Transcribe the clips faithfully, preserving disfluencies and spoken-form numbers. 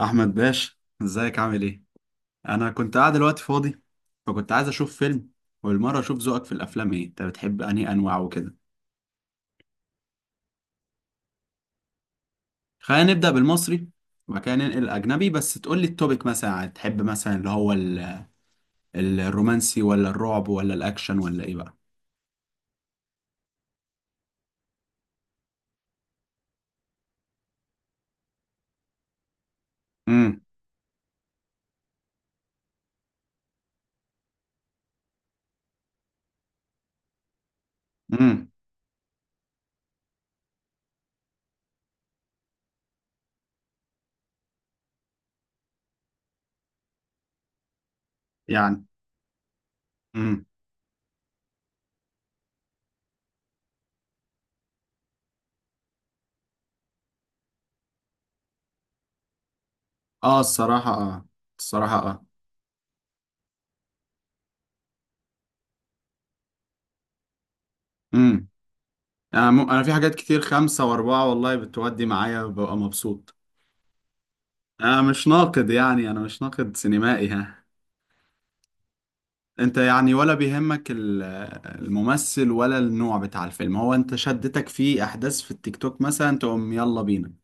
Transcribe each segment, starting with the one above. احمد باشا، ازيك؟ عامل ايه؟ انا كنت قاعد دلوقتي فاضي، فكنت عايز اشوف فيلم. والمره اشوف ذوقك في الافلام ايه، انت بتحب انهي انواع وكده؟ خلينا نبدا بالمصري وبعد كده ننقل الاجنبي، بس تقول لي التوبيك مثلا، يعني تحب مثلا اللي هو ال- ال- الرومانسي ولا الرعب ولا الاكشن ولا ايه بقى؟ امم. امم. يعني. امم. اه، الصراحه اه، الصراحه اه. امم. انا م- انا في حاجات كتير، خمسة واربعة والله بتودي معايا، ببقى مبسوط. انا مش ناقد، يعني انا مش ناقد سينمائي، ها. انت يعني ولا بيهمك ال- الممثل ولا النوع بتاع الفيلم؟ هو انت شدتك في احداث في التيك توك مثلا تقوم يلا بينا؟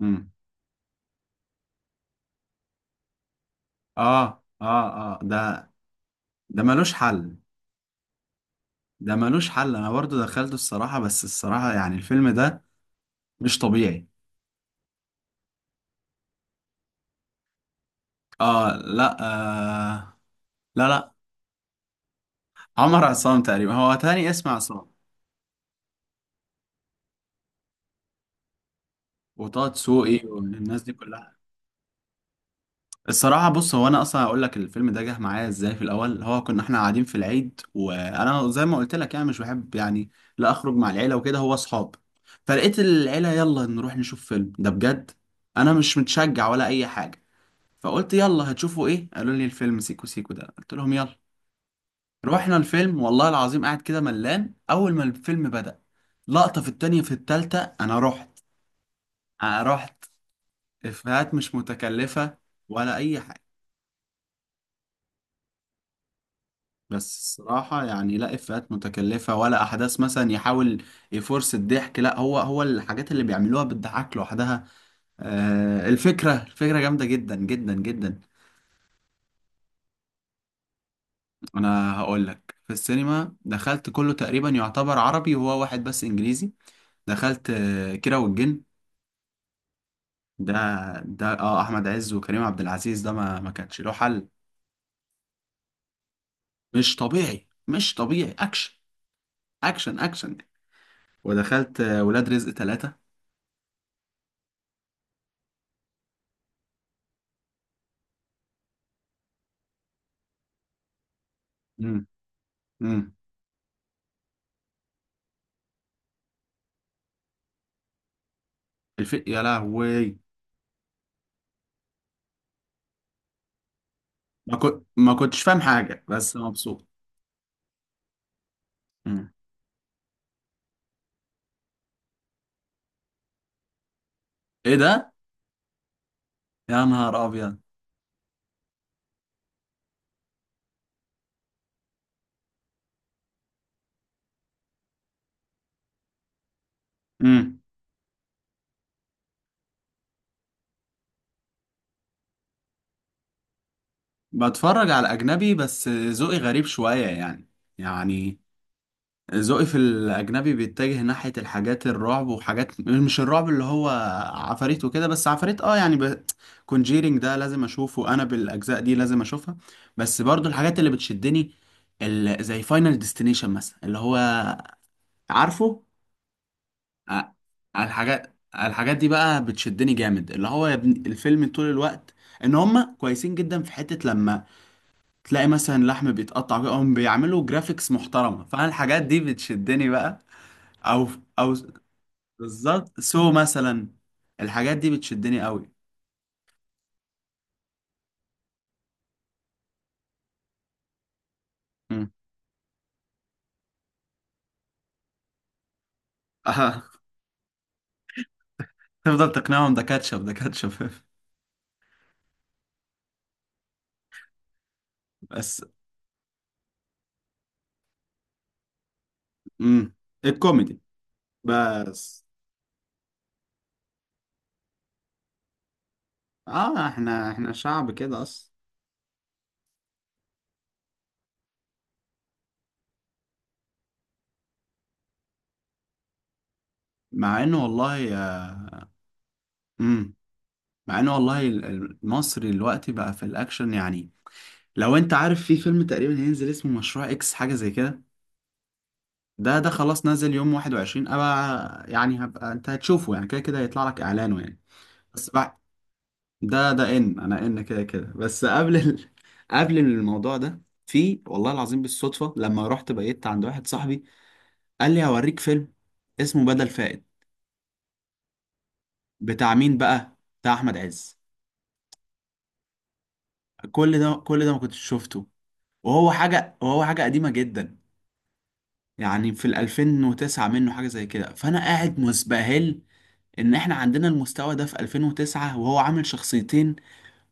امم. اه، اه، اه. ده ده ملوش حل. ده ملوش حل، انا برضو دخلته الصراحة، بس الصراحة يعني الفيلم ده مش طبيعي. اه، لا. آه، لا، لا. عمر عصام تقريبا، هو تاني اسم عصام. وطه دسوقي والناس دي كلها. الصراحة بص، هو أنا أصلا هقول لك الفيلم ده جه معايا إزاي في الأول. هو كنا إحنا قاعدين في العيد، وأنا زي ما قلت لك يعني مش بحب يعني لا أخرج مع العيلة وكده، هو أصحاب. فلقيت العيلة يلا نروح نشوف فيلم ده، بجد أنا مش متشجع ولا أي حاجة. فقلت يلا هتشوفوا إيه؟ قالوا لي الفيلم سيكو سيكو ده، قلت لهم يلا. رحنا الفيلم والله العظيم، قاعد كده ملان. أول ما الفيلم بدأ لقطة، في التانية، في التالتة، أنا رحت. أنا رحت. إفيهات مش متكلفة ولا أي حاجة. بس الصراحة يعني لا إفيهات متكلفة، ولا أحداث مثلا يحاول يفرس الضحك، لا، هو هو الحاجات اللي بيعملوها بتضحك لوحدها. آه، الفكرة الفكرة جامدة جدا جدا جدا. أنا هقول لك، في السينما دخلت كله تقريبا يعتبر عربي، وهو واحد بس إنجليزي. دخلت آه كيرة والجن. ده ده آه أحمد عز وكريم عبد العزيز، ده ما ما كانش له حل. مش طبيعي، مش طبيعي. أكشن، أكشن، أكشن. ودخلت آه ولاد رزق ثلاثة. امم. الف... يا لهوي، ما كنت ما كنتش فاهم حاجة، بس مبسوط. مم. ايه ده؟ يا نهار ابيض. مم. بتفرج على أجنبي بس ذوقي غريب شوية يعني. يعني ذوقي في الأجنبي بيتجه ناحية الحاجات الرعب، وحاجات مش الرعب اللي هو عفاريت وكده، بس عفاريت اه يعني ب... كونجيرينج ده لازم أشوفه، أنا بالأجزاء دي لازم أشوفها. بس برضو الحاجات اللي بتشدني ال... زي فاينل ديستنيشن مثلا اللي هو، عارفه. آه، على الحاجات على الحاجات دي بقى بتشدني جامد، اللي هو يا ابني الفيلم طول الوقت ان هم كويسين جدا، في حتة لما تلاقي مثلا لحم بيتقطع كده، هم بيعملوا جرافيكس محترمة، فانا الحاجات دي بتشدني بقى. او او، بالظبط سو مثلا الحاجات دي بتشدني قوي. مم. آه. تفضل تقنعهم ده كاتشب، ده كاتشب. بس. امم. الكوميدي بس، اه احنا احنا شعب كده اصلا. مع انه والله. امم. مع انه والله ال- ال- مصر دلوقتي بقى في الاكشن يعني. لو انت عارف في فيلم تقريبا هينزل اسمه مشروع اكس، حاجة زي كده، ده ده خلاص نازل يوم واحد وعشرين، ابقى يعني هبقى، انت هتشوفه يعني، كده كده هيطلع لك اعلانه يعني. بس بعد ده ده ان انا ان كده كده، بس قبل ال... قبل الموضوع ده، في والله العظيم بالصدفة لما رحت بقيت عند واحد صاحبي، قال لي هوريك فيلم اسمه بدل فائد. بتاع مين بقى؟ بتاع احمد عز. كل ده، كل ده ما كنتش شفته. وهو حاجة وهو حاجة قديمة جدا، يعني في ال ألفين وتسعة منه، حاجة زي كده، فأنا قاعد مسبهل إن إحنا عندنا المستوى ده في ألفين وتسعة، وهو عامل شخصيتين،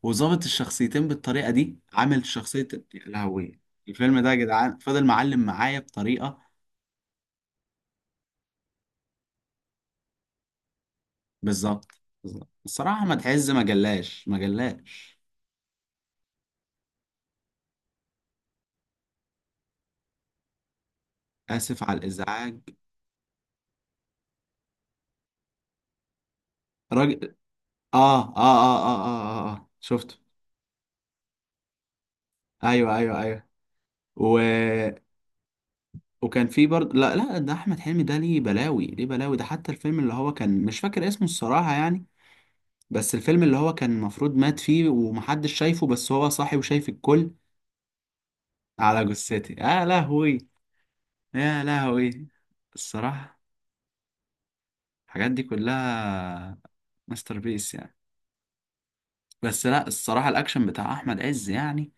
وظابط الشخصيتين بالطريقة دي، عامل شخصية. يا لهوي، الفيلم ده يا جدعان فضل معلم معايا بطريقة. بالظبط. بالظبط. الصراحة ما تحز، ما جلاش، ما جلاش. آسف على الإزعاج راجل. آه، آه، آه، آه، آه، آه، آه. شفته. أيوه، أيوه، أيوه. و... وكان في برضه. لا، لا، ده احمد حلمي، ده ليه بلاوي، ليه بلاوي ده. حتى الفيلم اللي هو كان مش فاكر اسمه الصراحة يعني، بس الفيلم اللي هو كان المفروض مات فيه ومحدش شايفه، بس هو صاحي وشايف الكل. على جثتي، يا لهوي، يا لهوي. الصراحة الحاجات دي كلها ماستر بيس يعني. بس لا، الصراحة الأكشن بتاع أحمد عز يعني،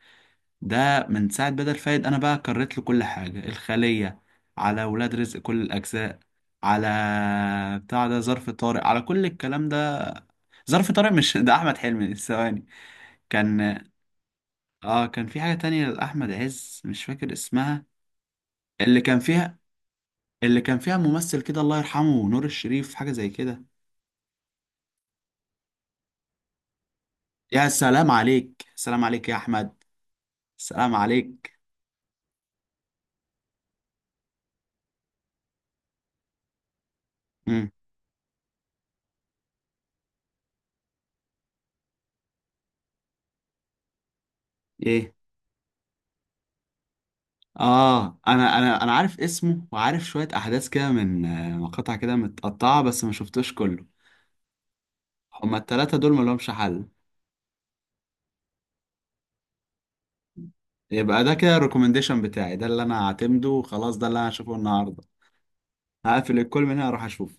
ده من ساعة بدل فايد أنا بقى كررت له كل حاجة: الخلية، على ولاد رزق كل الأجزاء، على بتاع ده ظرف طارق، على كل الكلام ده. ظرف طارق، مش ده احمد حلمي؟ ثواني. كان اه كان في حاجه تانية لاحمد عز مش فاكر اسمها، اللي كان فيها اللي كان فيها ممثل كده، الله يرحمه، نور الشريف، حاجه زي كده. يا سلام عليك، سلام عليك يا احمد، سلام عليك. امم. ايه، اه انا انا انا عارف اسمه وعارف شويه احداث كده من آه، مقاطع كده متقطعه، بس ما شفتوش كله. هما التلاته دول ملهمش حل. يبقى ده كده الريكومنديشن بتاعي، ده اللي انا هعتمده وخلاص، ده اللي انا هشوفه النهارده. هقفل الكل من هنا اروح اشوف.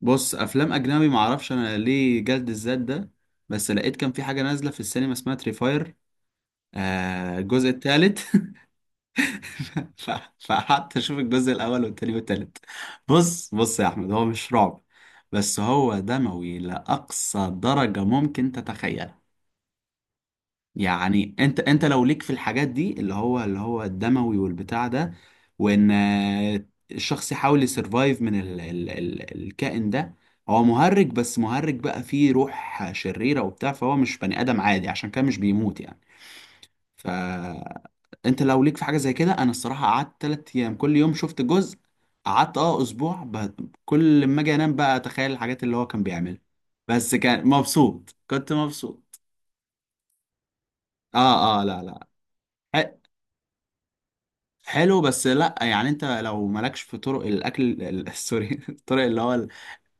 بص، افلام اجنبي معرفش انا ليه جلد الذات ده. بس لقيت كان في حاجه نازله في السينما اسمها تريفاير، آه الجزء الثالث. ف- فقعدت اشوف الجزء الاول والتاني والتالت. بص، بص يا احمد، هو مش رعب، بس هو دموي لاقصى درجه ممكن تتخيل. يعني انت انت لو ليك في الحاجات دي، اللي هو اللي هو الدموي والبتاع ده، وان آه، الشخص يحاول يسرفايف من ال ال ال الكائن ده. هو مهرج، بس مهرج بقى فيه روح شريرة وبتاع، فهو مش بني آدم عادي، عشان كده مش بيموت يعني. ف انت لو ليك في حاجة زي كده، انا الصراحة قعدت تلات ايام كل يوم شفت جزء. قعدت اه اسبوع ب... كل ما اجي انام بقى اتخيل الحاجات اللي هو كان بيعملها، بس كان مبسوط كنت مبسوط. اه، اه، لا، لا. حلو بس لا، يعني انت لو مالكش في طرق الاكل ال- سوري، الطرق اللي هو ال-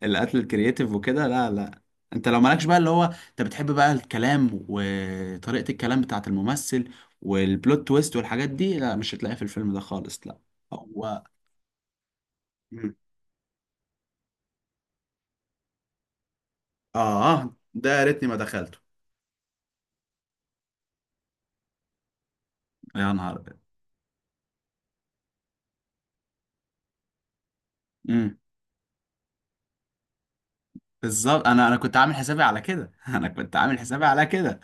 الاكل الكرياتيف وكده، لا، لا. انت لو مالكش بقى اللي هو، انت بتحب بقى الكلام وطريقة الكلام بتاعت الممثل والبلوت تويست والحاجات دي، لا مش هتلاقيها في الفيلم ده خالص، لا. هو. مم. اه، ده يا ريتني ما دخلته. يا نهار أبيض. بالظبط، انا انا كنت عامل حسابي على كده. انا كنت عامل حسابي على كده.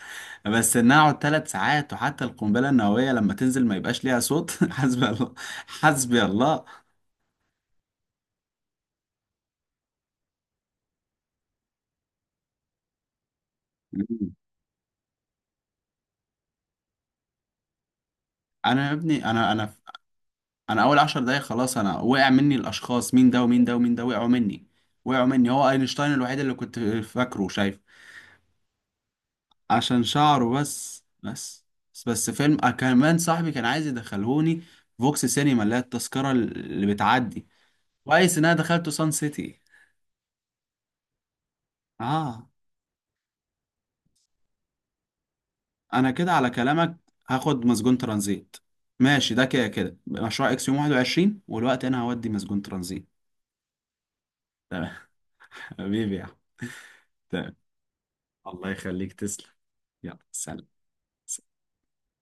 بس ان انا اقعد ثلاث ساعات، وحتى القنبله النوويه لما تنزل ما يبقاش ليها صوت. حسبي الله، حسبي الله. انا يا ابني، انا انا انا اول عشر دقايق خلاص. انا وقع مني الاشخاص، مين ده ومين ده ومين ده، وقعوا مني، وقعوا مني. هو اينشتاين الوحيد اللي كنت فاكره شايف، عشان شعره بس، بس. بس, بس فيلم آه، كمان، صاحبي كان عايز يدخلهوني فوكس سينما اللي هي التذكره اللي بتعدي. كويس ان انا دخلته سان سيتي. اه، انا كده على كلامك هاخد مسجون ترانزيت. ماشي، ده كده كده مشروع اكس يوم واحد وعشرين، والوقت انا هودي مسجون ترانزيت. تمام، حبيبي يا أحمد. تمام. الله يخليك، تسلم. يلا، سلام.